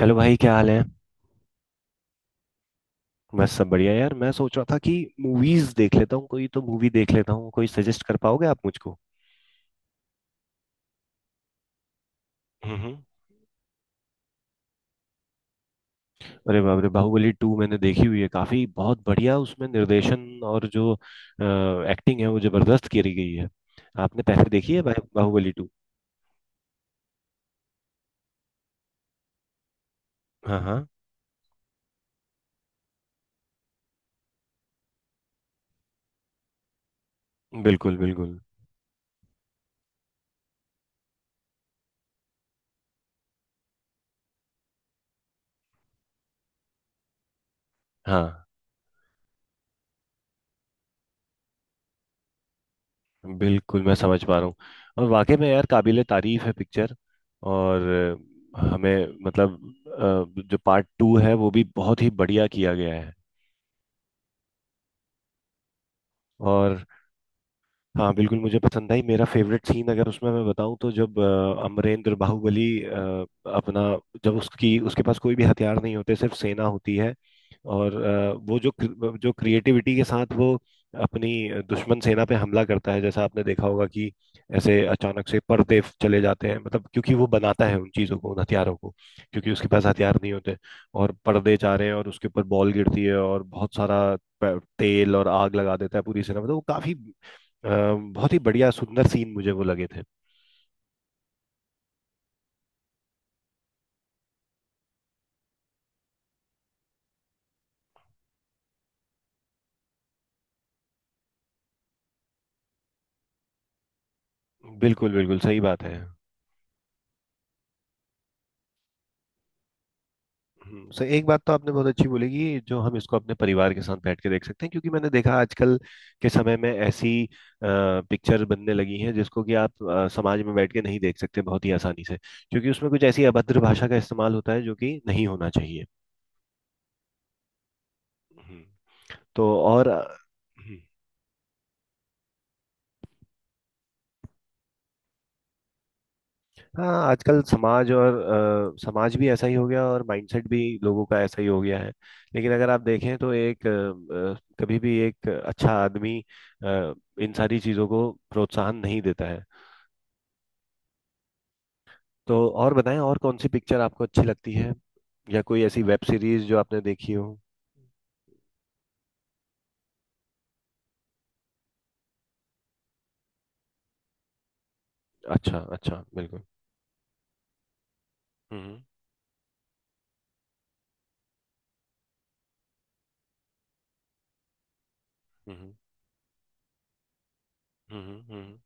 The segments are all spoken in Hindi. हेलो भाई, क्या हाल है? बस सब बढ़िया यार। मैं सोच रहा था कि मूवीज देख लेता हूँ, कोई तो मूवी देख लेता हूँ। कोई सजेस्ट कर पाओगे आप मुझको? हम्म। अरे बाप रे! बाहुबली टू मैंने देखी हुई है, काफी बहुत बढ़िया उसमें निर्देशन और जो एक्टिंग है वो जबरदस्त करी गई है। आपने पहले देखी है बाहुबली टू? हाँ, हाँ। बिल्कुल, बिल्कुल। हाँ बिल्कुल, मैं समझ पा रहा हूँ। और वाकई में यार, काबिले तारीफ है पिक्चर। और हमें मतलब, जो पार्ट टू है वो भी बहुत ही बढ़िया किया गया है। और। हाँ बिल्कुल, मुझे पसंद आई। मेरा फेवरेट सीन अगर उसमें मैं बताऊं तो, जब अमरेंद्र बाहुबली, अपना, जब उसकी उसके पास कोई भी हथियार नहीं होते, सिर्फ सेना होती है। और वो जो जो क्रिएटिविटी के साथ वो अपनी दुश्मन सेना पे हमला करता है, जैसा आपने देखा होगा कि ऐसे अचानक से पर्दे चले जाते हैं, मतलब क्योंकि वो बनाता है उन चीज़ों को, उन हथियारों को, क्योंकि उसके पास हथियार नहीं होते। और पर्दे जा रहे हैं और उसके ऊपर बॉल गिरती है और बहुत सारा तेल, और आग लगा देता है पूरी सेना। मतलब वो काफी, बहुत ही बढ़िया सुंदर सीन मुझे वो लगे थे। बिल्कुल बिल्कुल सही बात है। सही। एक बात तो आपने बहुत अच्छी बोली कि जो हम इसको अपने परिवार के साथ बैठ के देख सकते हैं, क्योंकि मैंने देखा आजकल के समय में ऐसी पिक्चर बनने लगी हैं जिसको कि आप समाज में बैठ के नहीं देख सकते बहुत ही आसानी से, क्योंकि उसमें कुछ ऐसी अभद्र भाषा का इस्तेमाल होता है जो कि नहीं होना चाहिए। हम्म, तो और हाँ, आजकल समाज और समाज भी ऐसा ही हो गया और माइंडसेट भी लोगों का ऐसा ही हो गया है। लेकिन अगर आप देखें तो एक, कभी भी एक अच्छा आदमी अ, इन सारी चीज़ों को प्रोत्साहन नहीं देता है। तो और बताएं, और कौन सी पिक्चर आपको अच्छी लगती है, या कोई ऐसी वेब सीरीज जो आपने देखी हो? अच्छा अच्छा, बिल्कुल। हम्म, हम्म, हम्म, हम्म, हम्म।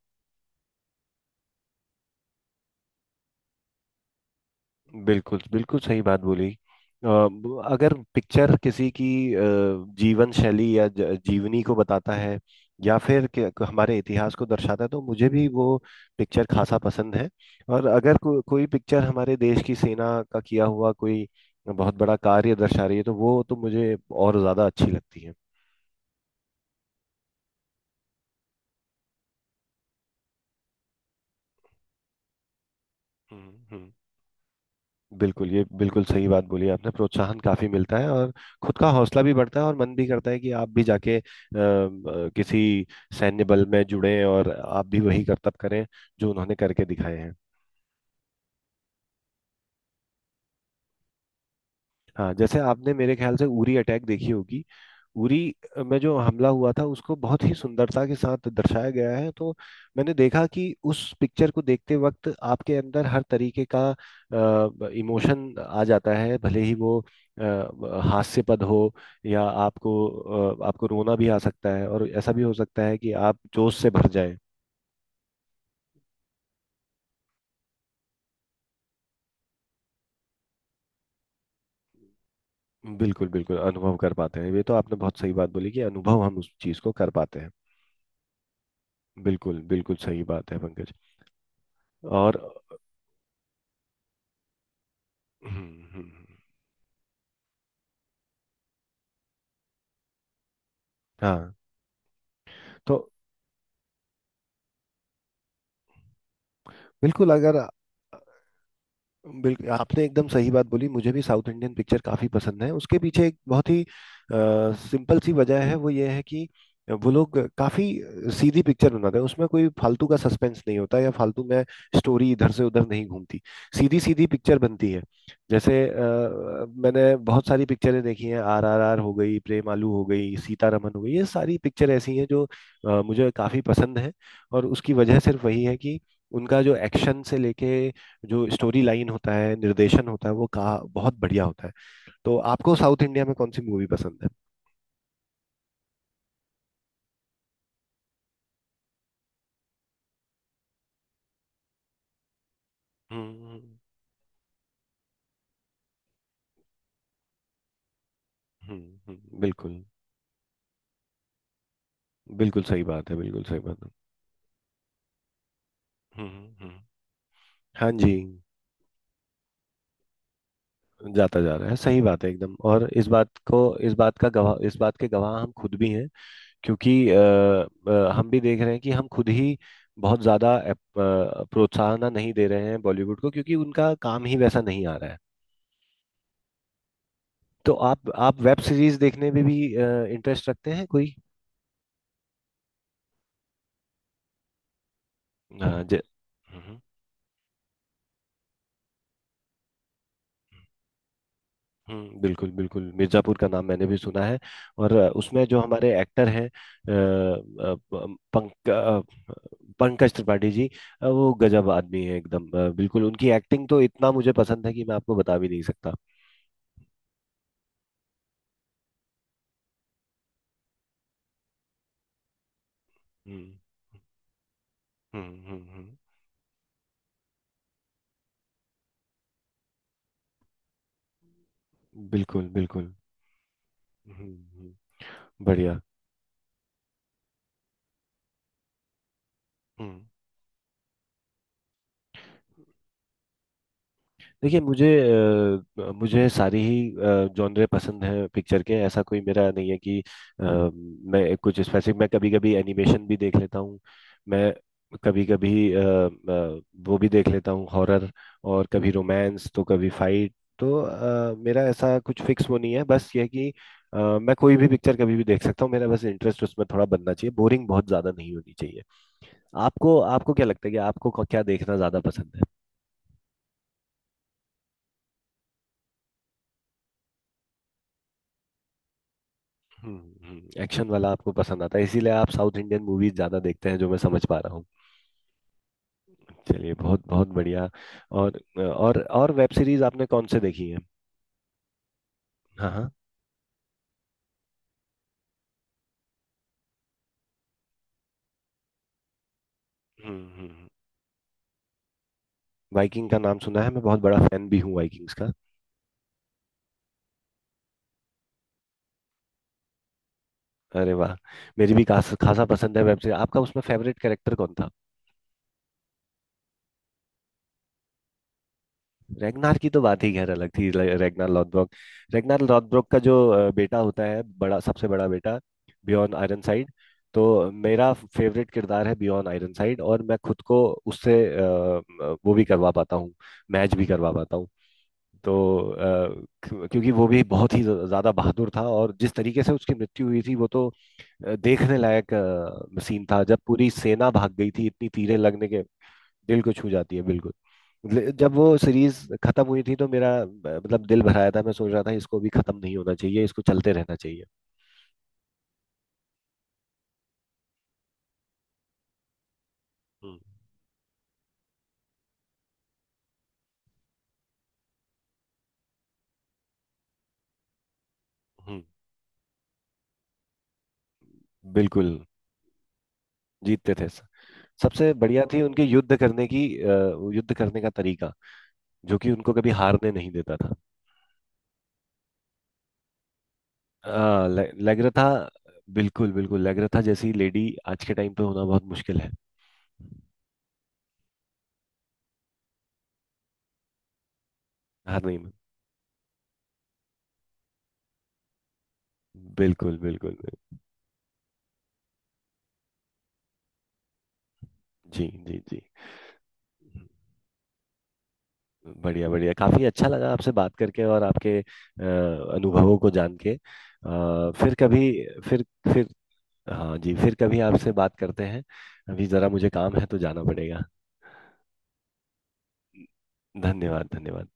बिल्कुल बिल्कुल सही बात बोली। अगर पिक्चर किसी की अ, जीवन शैली या जीवनी को बताता है, या फिर हमारे इतिहास को दर्शाता है, तो मुझे भी वो पिक्चर खासा पसंद है। और अगर कोई पिक्चर हमारे देश की सेना का किया हुआ कोई बहुत बड़ा कार्य दर्शा रही है, तो वो तो मुझे और ज्यादा अच्छी लगती है। हम्म, हम्म। बिल्कुल, ये बिल्कुल सही बात बोली आपने। प्रोत्साहन काफी मिलता है, और खुद का हौसला भी बढ़ता है, और मन भी करता है कि आप भी जाके किसी सैन्य बल में जुड़ें और आप भी वही करतब करें जो उन्होंने करके दिखाए हैं। हाँ, जैसे आपने मेरे ख्याल से उरी अटैक देखी होगी। उरी में जो हमला हुआ था उसको बहुत ही सुंदरता के साथ दर्शाया गया है। तो मैंने देखा कि उस पिक्चर को देखते वक्त आपके अंदर हर तरीके का इमोशन आ जाता है, भले ही वो अ, हास्यपद हो, या आपको, आपको रोना भी आ सकता है, और ऐसा भी हो सकता है कि आप जोश से भर जाएं। बिल्कुल बिल्कुल, अनुभव कर पाते हैं। ये तो आपने बहुत सही बात बोली कि अनुभव हम उस चीज को कर पाते हैं। बिल्कुल बिल्कुल सही बात है, पंकज। और हम्म, हम्म, हम्म। हाँ तो बिल्कुल, अगर बिल्कुल आपने एकदम सही बात बोली। मुझे भी साउथ इंडियन पिक्चर काफी पसंद है। उसके पीछे एक बहुत ही सिंपल सी वजह है, वो ये है कि वो लोग काफी सीधी पिक्चर बनाते हैं। उसमें कोई फालतू का सस्पेंस नहीं होता, या फालतू में स्टोरी इधर से उधर नहीं घूमती। सीधी सीधी पिक्चर बनती है। जैसे, मैंने बहुत सारी पिक्चरें देखी हैं, RRR हो गई, प्रेम आलू हो गई, सीतारमन हो गई। ये सारी पिक्चर ऐसी हैं जो मुझे काफी पसंद है। और उसकी वजह सिर्फ वही है कि उनका जो एक्शन से लेके, जो स्टोरी लाइन होता है, निर्देशन होता है, वो कहा बहुत बढ़िया होता है। तो आपको साउथ इंडिया में कौन सी मूवी पसंद है? हम्म, हम्म, बिल्कुल बिल्कुल सही बात है, बिल्कुल सही बात है। हम्म, हम्म, हाँ जी, जाता जा रहा है, सही बात है एकदम। और इस बात के गवाह हम खुद भी हैं, क्योंकि हम भी देख रहे हैं कि हम खुद ही बहुत ज्यादा प्रोत्साहन नहीं दे रहे हैं बॉलीवुड को, क्योंकि उनका काम ही वैसा नहीं आ रहा है। तो आप वेब सीरीज देखने में भी इंटरेस्ट रखते हैं कोई? अ, जे- हम्म, बिल्कुल, बिल्कुल मिर्जापुर का नाम मैंने भी सुना है। और उसमें जो हमारे एक्टर हैं, अ, प- पंक अ, पंकज त्रिपाठी जी। वो गजब आदमी है एकदम। बिल्कुल उनकी एक्टिंग तो इतना मुझे पसंद है कि मैं आपको बता भी नहीं सकता। हम्म, हम्म, हम्म, बिल्कुल बिल्कुल। हम्म, हम्म, बढ़िया। हम्म। देखिए, मुझे सारी ही जॉनरे पसंद है पिक्चर के। ऐसा कोई मेरा नहीं है कि मैं कुछ स्पेसिफिक मैं कभी कभी एनिमेशन भी देख लेता हूँ। मैं कभी कभी वो भी देख लेता हूँ हॉरर, और कभी रोमांस तो कभी फाइट। तो मेरा ऐसा कुछ फिक्स वो नहीं है, बस ये है कि मैं कोई भी पिक्चर कभी भी देख सकता हूँ। मेरा बस इंटरेस्ट उसमें थोड़ा बनना चाहिए, बोरिंग बहुत ज्यादा नहीं होनी चाहिए। आपको आपको क्या लगता है कि आपको क्या देखना ज्यादा पसंद है? हम्म, एक्शन वाला आपको पसंद आता है, इसीलिए आप साउथ इंडियन मूवीज ज्यादा देखते हैं, जो मैं समझ पा रहा हूँ। चलिए, बहुत बहुत बढ़िया। और, और वेब सीरीज आपने कौन से देखी है? हाँ, हाँ। हम्म, हम्म। वाइकिंग का नाम सुना है, मैं बहुत बड़ा फैन भी हूँ वाइकिंग्स का। अरे वाह! मेरी भी खास खासा पसंद है वेब सीरीज। आपका उसमें फेवरेट कैरेक्टर कौन था? रेगनार की तो बात ही खैर अलग थी, रेगनार लॉथब्रोक। रेगनार लॉथब्रोक का जो बेटा होता है, बड़ा, सबसे बड़ा बेटा। बियॉन आयरनसाइड। तो मेरा फेवरेट किरदार है बियॉन आयरनसाइड, और मैं खुद को उससे वो भी करवा पाता हूँ। मैच भी करवा पाता हूँ। तो अ, क्योंकि वो भी बहुत ही ज्यादा बहादुर था, और जिस तरीके से उसकी मृत्यु हुई थी, वो तो देखने लायक सीन था, जब पूरी सेना भाग गई थी, इतनी तीरें लगने के। दिल को छू जाती है, बिल्कुल। जब वो सीरीज खत्म हुई थी, तो मेरा, मतलब, दिल भराया था। मैं सोच रहा था इसको भी खत्म नहीं होना चाहिए, इसको चलते रहना चाहिए। हम्म, हम्म, बिल्कुल। जीतते थे। सबसे बढ़िया थी उनकी युद्ध करने की, युद्ध करने का तरीका, जो कि उनको कभी हारने नहीं देता था। लेग्रथा। बिल्कुल बिल्कुल। लेग्रथा जैसी लेडी आज के टाइम पे होना बहुत मुश्किल है। हार नहीं, बिल्कुल बिल्कुल। जी, जी, जी। बढ़िया बढ़िया, काफी अच्छा लगा आपसे बात करके, और आपके अनुभवों को जान के। फिर कभी फिर फिर हाँ जी, फिर कभी आपसे बात करते हैं। अभी जरा मुझे काम है तो जाना पड़ेगा। धन्यवाद, धन्यवाद।